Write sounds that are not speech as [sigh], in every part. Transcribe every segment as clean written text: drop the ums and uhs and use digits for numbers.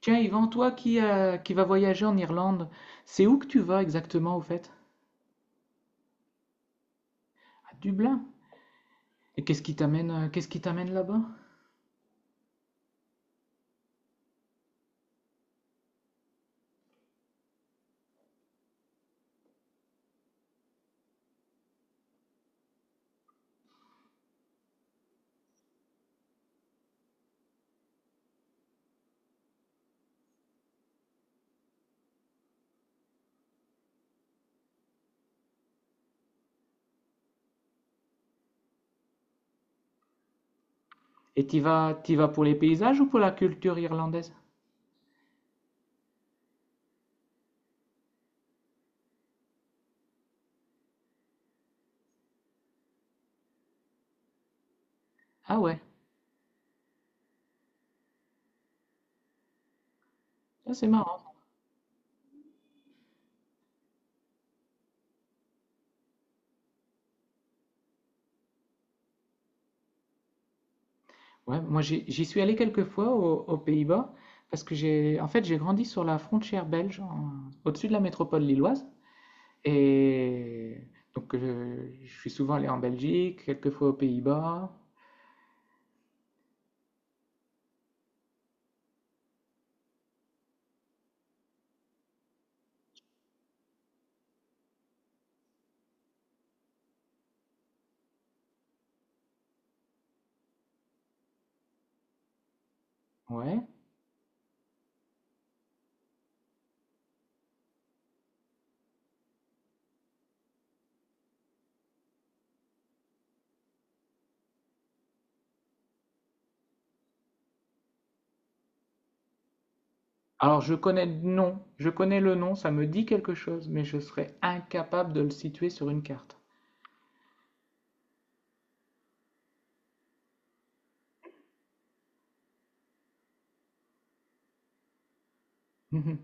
Tiens, Yvan, toi qui vas voyager en Irlande, c'est où que tu vas exactement au fait? À Dublin. Et qu'est-ce qui t'amène là-bas? Et t'y vas pour les paysages ou pour la culture irlandaise? Ah ouais, ça c'est marrant. Ouais, moi j'y suis allé quelques fois au- aux, Pays-Bas parce que j'ai, en fait, j'ai grandi sur la frontière belge, en- au-dessus de la métropole lilloise. Et donc je suis souvent allé en Belgique, quelques fois aux Pays-Bas. Ouais. Alors je connais le nom, je connais le nom, ça me dit quelque chose, mais je serais incapable de le situer sur une carte. [laughs] Moi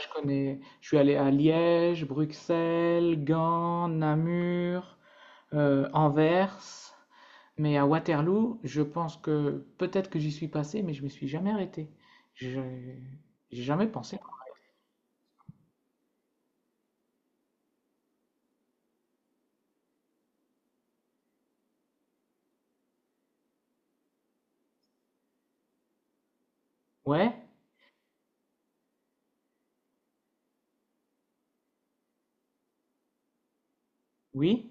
je connais, je suis allé à Liège, Bruxelles, Gand, Namur, Anvers, mais à Waterloo, je pense que peut-être que j'y suis passé, mais je me suis jamais arrêté. Je j'ai jamais pensé. Ouais, oui.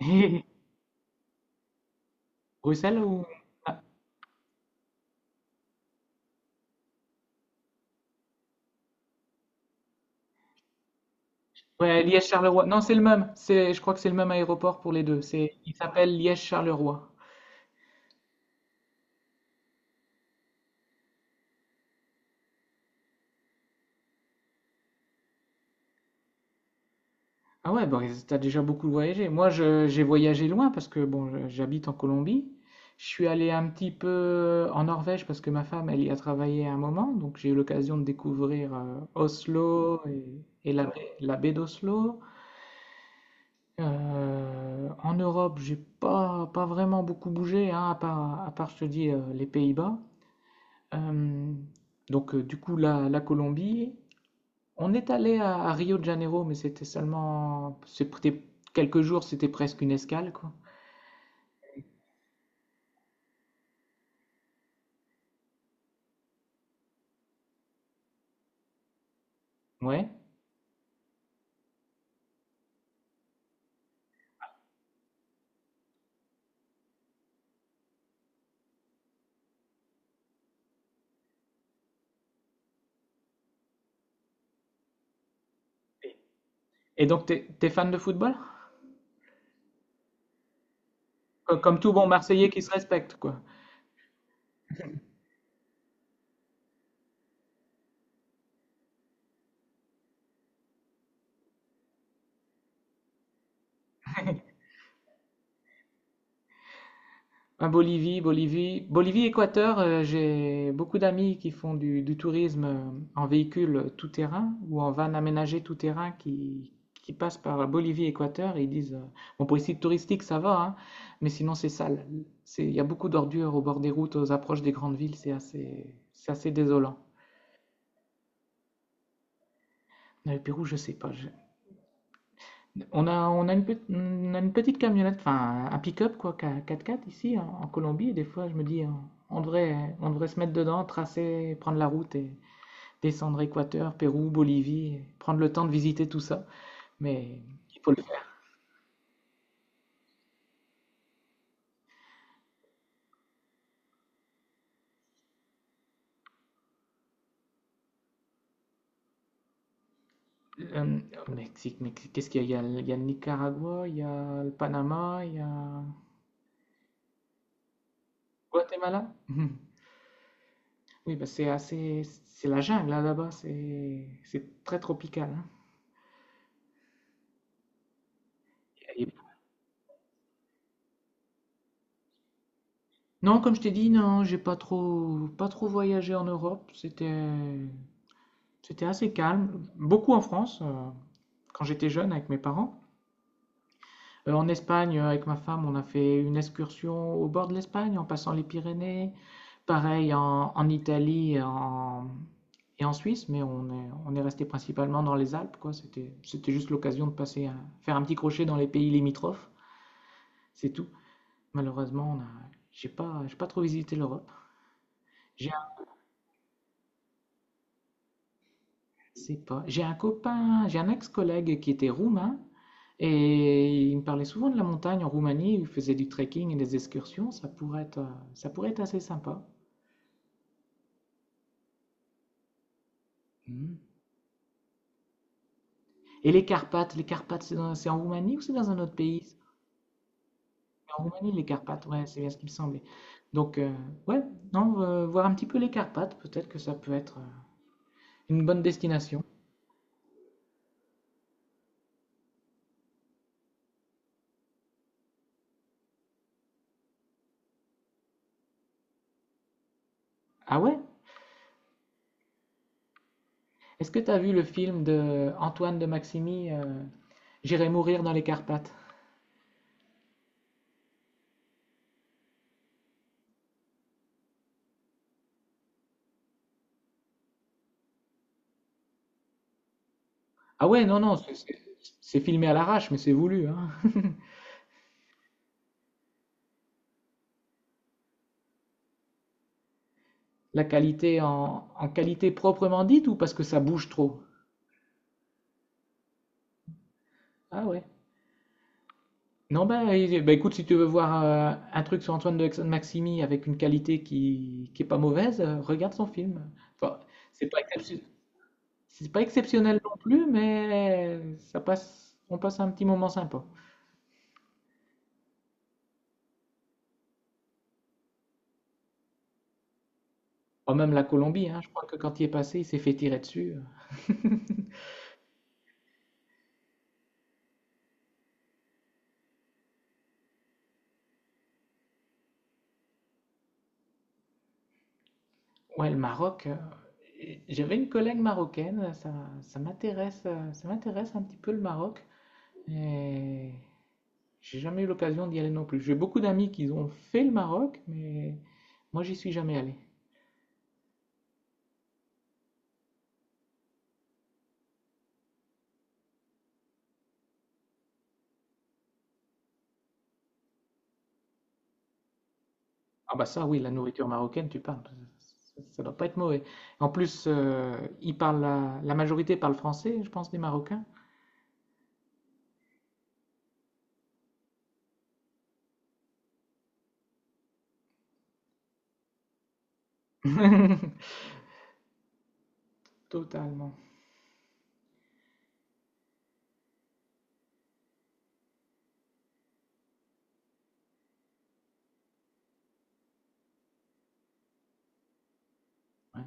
[laughs] Bruxelles ou... Ouais, Liège-Charleroi. Non, c'est le même. C'est, je crois que c'est le même aéroport pour les deux. C'est, il s'appelle Liège-Charleroi. Ah ouais, bon, t'as déjà beaucoup voyagé. Moi, je- j'ai voyagé loin parce que bon, je- j'habite en Colombie. Je suis allé un petit peu en Norvège parce que ma femme, elle y a travaillé à un moment, donc j'ai eu l'occasion de découvrir Oslo et la baie d'Oslo. En Europe, j'ai pas vraiment beaucoup bougé, hein, à part, je te dis, les Pays-Bas. Euh, donc, du coup, la, la Colombie, on est allé à Rio de Janeiro, mais c'était seulement, c'était quelques jours, c'était presque une escale, quoi. Ouais. Et donc, t'es, t'es fan de football? Co- Comme tout bon Marseillais qui se respecte, quoi. Ah, Bolivie, Bolivie, Bolivie, Équateur, j'ai beaucoup d'amis qui font du tourisme en véhicule tout-terrain ou en van aménagé tout-terrain qui passent par Bolivie, Équateur et ils disent, bon pour les sites touristiques ça va, hein, mais sinon c'est sale. C'est, il y a beaucoup d'ordures au bord des routes, aux approches des grandes villes, c'est assez désolant. Mais Le Pérou, je sais pas, je- on a une, pe- on a une petite camionnette, enfin un pick-up quoi, qu'a- 4x4 ici en, en Colombie. Et des fois, je me dis, on devrait se mettre dedans, tracer, prendre la route et descendre Équateur, Pérou, Bolivie, et prendre le temps de visiter tout ça. Mais il faut le faire. Euh, Au Mexique, mais qu'est-ce qu'il y a? Il y a, le il y a le Nicaragua, il y a le Panama, il y a Guatemala. [laughs] Oui, bah, c'est assez, c'est la jungle là, là-bas. C'est très tropical, hein. Non, comme je t'ai dit, non, j'ai pas trop, pas trop voyagé en Europe. C'était, c'était assez calme. Beaucoup en France, quand j'étais jeune avec mes parents. En Espagne, avec ma femme, on a fait une excursion au bord de l'Espagne, en passant les Pyrénées. Pareil en, en Italie et en Suisse, mais on est resté principalement dans les Alpes, quoi. C'était, c'était juste l'occasion de passer, un- faire un petit crochet dans les pays limitrophes. C'est tout. Malheureusement, on a, j'ai pas trop visité l'Europe. C'est pas. J'ai un copain, j'ai un ex-collègue qui était roumain et il me parlait souvent de la montagne en Roumanie où il faisait du trekking et des excursions. Ça pourrait être assez sympa. Mhm. Et les Carpates, c'est dans- c'est en Roumanie ou c'est dans un autre pays? C'est En Roumanie, les Carpates, ouais, c'est bien ce qui me semblait. Donc, ouais, non, voir un petit peu les Carpates, peut-être que ça peut être une bonne destination. Ah ouais? Est-ce que tu as vu le film de Antoine de Maximi, J'irai mourir dans les Carpates? Ah ouais, non, non, c'est filmé à l'arrache, mais c'est voulu, hein. [laughs] La qualité en, en qualité proprement dite ou parce que ça bouge trop? Ah ouais. Non, ben, eh, ben, écoute, si tu veux voir un truc sur Antoine de Maximi avec une qualité qui est pas mauvaise, regarde son film. Enfin, c'est pas excep- c'est pas exceptionnel non plus, mais ça passe, on passe un petit moment sympa. Enfin, même la Colombie, hein, je crois que quand il est passé, il s'est fait tirer dessus, [laughs] Ouais, le Maroc, et j'avais une collègue marocaine, ça, ça m'intéresse un petit peu le Maroc, et j'ai jamais eu l'occasion d'y aller non plus. J'ai beaucoup d'amis qui ont fait le Maroc, mais moi j'y suis jamais allé. Ah bah ça oui, la nourriture marocaine, tu parles, ça doit pas être mauvais. En plus, ils parlent la, la majorité parle français, je pense, des Marocains. [laughs] Totalement. Ouais.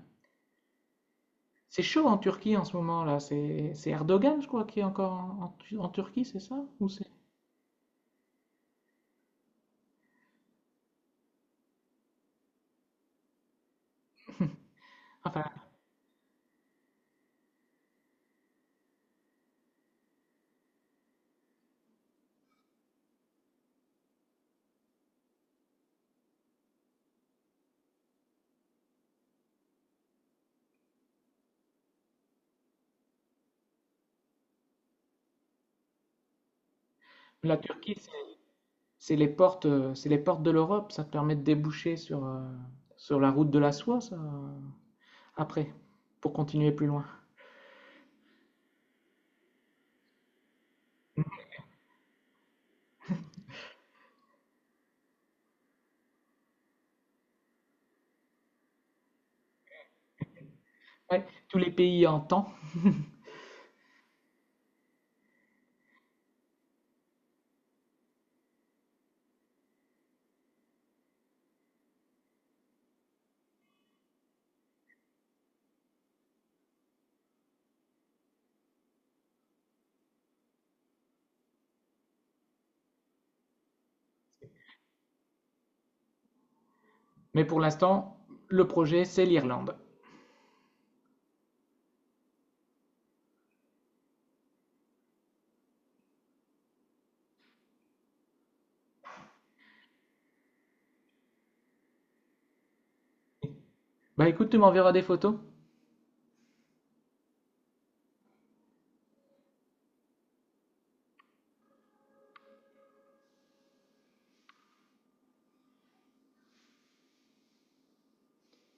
C'est chaud en Turquie en ce moment là. C'est Erdogan, je crois, qui est encore en, en Tu- en Turquie, c'est ça? Ou c'est... Enfin, la Turquie, c'est les portes de l'Europe. Ça te permet de déboucher sur, sur la route de la soie, ça, après, pour continuer plus loin. Ouais, tous les pays en temps. Mais pour l'instant, le projet, c'est l'Irlande. Bah écoute, tu m'enverras des photos.